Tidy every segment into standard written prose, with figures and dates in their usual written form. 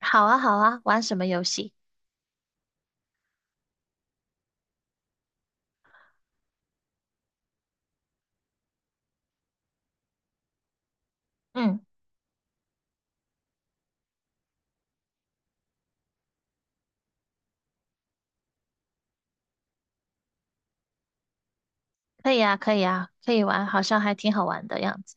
好啊，好啊，玩什么游戏？嗯，可以啊，可以啊，可以玩，好像还挺好玩的样子。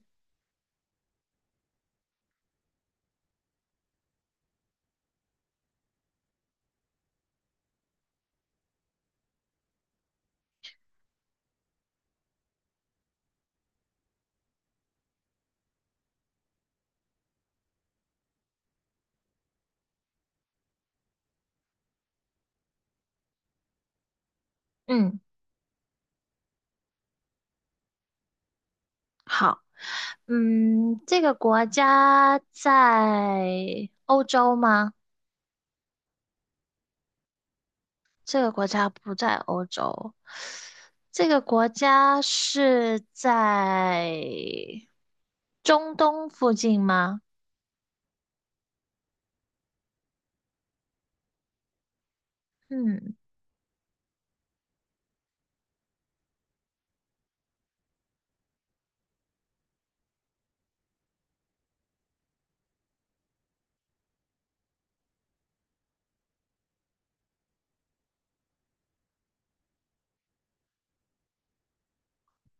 嗯，好，嗯，这个国家在欧洲吗？这个国家不在欧洲，这个国家是在中东附近吗？嗯，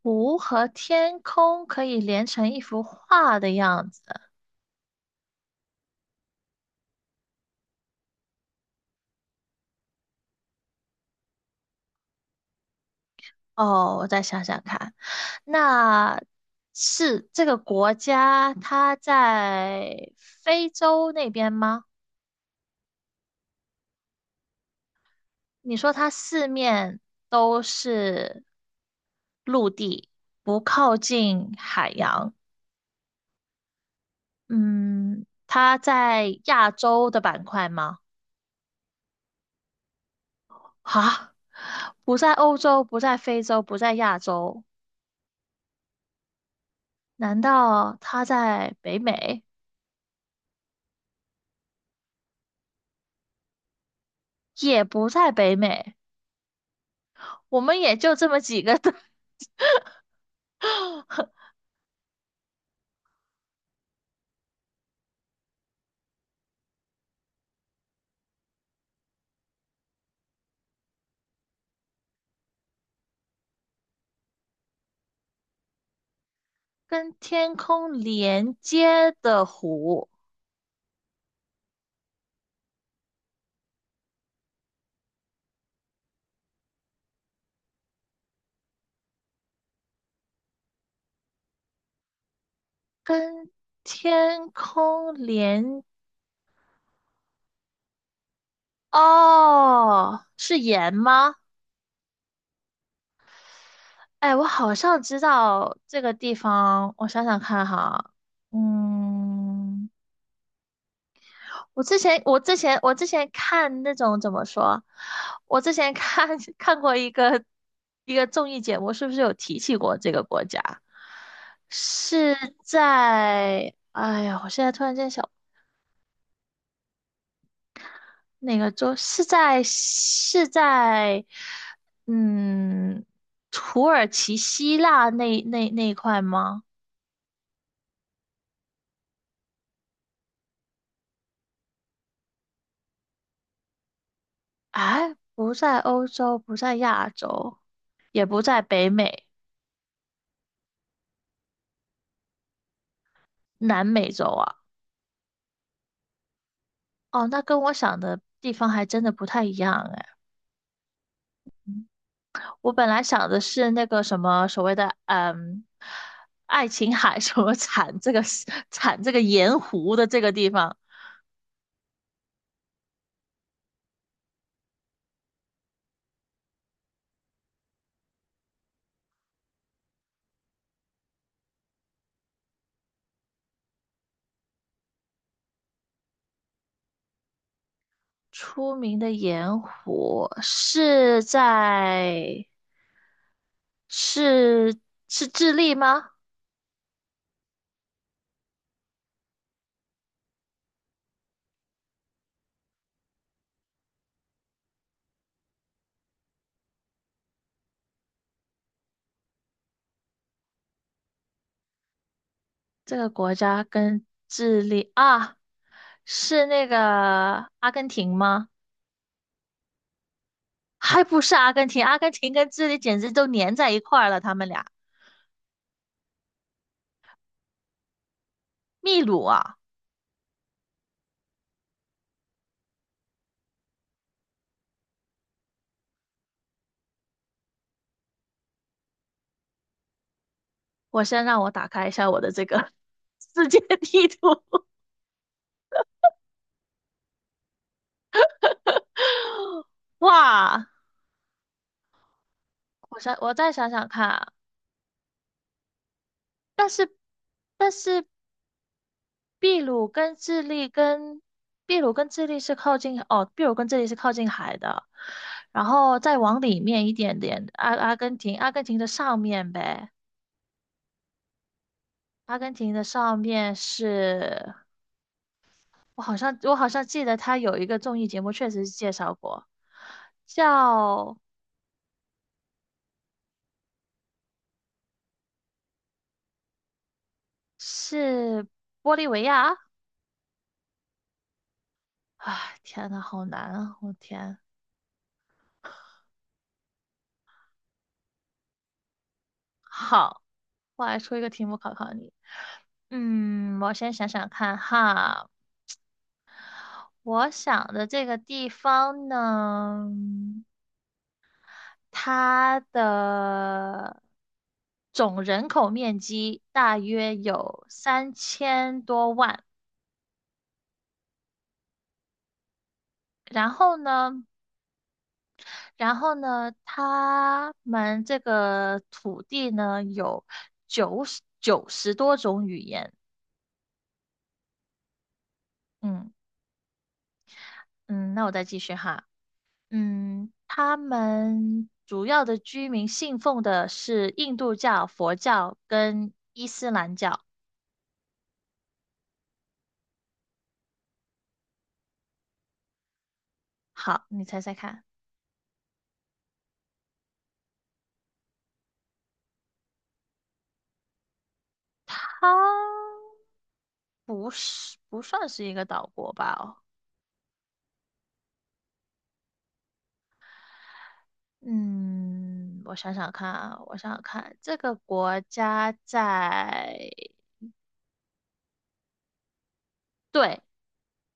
湖和天空可以连成一幅画的样子。哦，我再想想看，那是这个国家它在非洲那边吗？你说它四面都是陆地，不靠近海洋，嗯，它在亚洲的板块吗？啊，不在欧洲，不在非洲，不在亚洲，难道它在北美？也不在北美，我们也就这么几个 跟天空连接的湖，跟天空连，哦，是盐吗？哎，我好像知道这个地方，我想想看哈，嗯，我之前看那种怎么说，我之前看 看过一个综艺节目，是不是有提起过这个国家？是在，哎呀，我现在突然间想哪个州？是在嗯土耳其、希腊那一块吗？哎，不在欧洲，不在亚洲，也不在北美、南美洲啊。哦，那跟我想的地方还真的不太一样哎。我本来想的是那个什么所谓的爱琴海 什么产这个 产这个盐湖的这个地方，出名的盐湖是在是是智利吗？这个国家跟智利啊，是那个阿根廷吗？还不是阿根廷，阿根廷跟智利简直都粘在一块儿了，他们俩。秘鲁啊，我先让我打开一下我的这个 世界地图。哇，我想我再想想看啊但是但是秘鲁跟智利跟秘鲁跟智利是靠近哦，秘鲁跟智利是靠近海的，然后再往里面一点点，阿根廷，阿根廷的上面呗，阿根廷的上面是，我好像记得它有一个综艺节目，确实是介绍过，叫是玻利维亚，哎，天呐，好难啊，我天，好，我来出一个题目考考你，嗯，我先想想看哈。我想的这个地方呢，它的总人口面积大约有3000多万。然后呢，然后呢，他们这个土地呢有九十多种语言。嗯嗯，那我再继续哈。嗯，他们主要的居民信奉的是印度教、佛教跟好，你猜猜看，它不是不算是一个岛国吧？哦，嗯，我想想看这个国家在，对，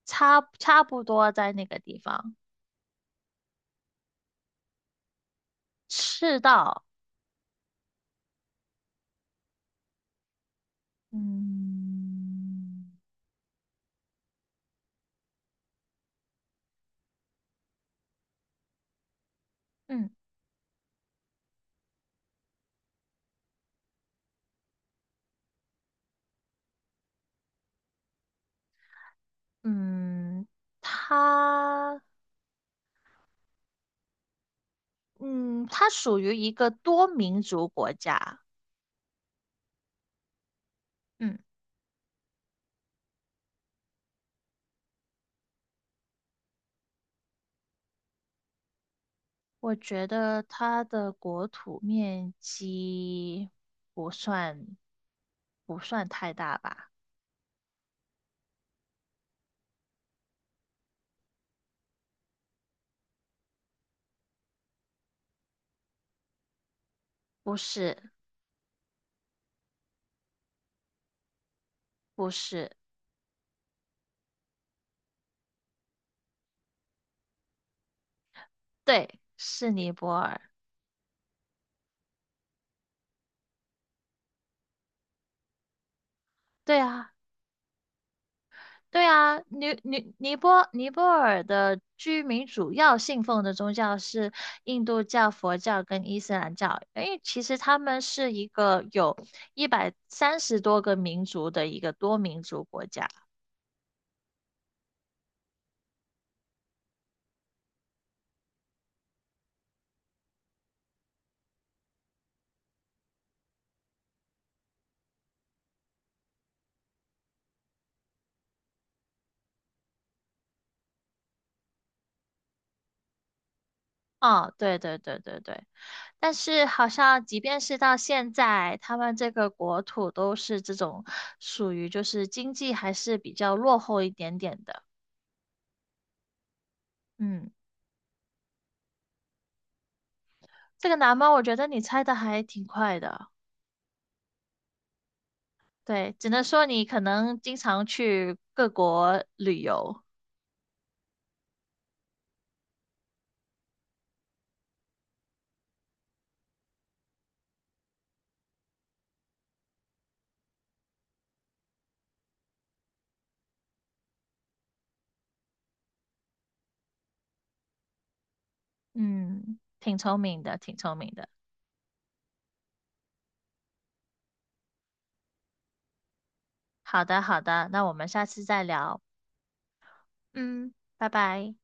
差不多在那个地方，赤道，嗯嗯嗯，它嗯它属于一个多民族国家，嗯。我觉得它的国土面积不算不算太大吧？不是，不是，对，是尼泊尔。对啊，对啊，尼泊尔的居民主要信奉的宗教是印度教、佛教跟伊斯兰教，因为其实他们是一个有130多个民族的一个多民族国家。啊，对对对对对。但是好像即便是到现在，他们这个国土都是这种属于就是经济还是比较落后一点点的。嗯，这个难吗？我觉得你猜的还挺快的。对，只能说你可能经常去各国旅游。嗯，挺聪明的，挺聪明的。好的，好的，那我们下次再聊。嗯，拜拜。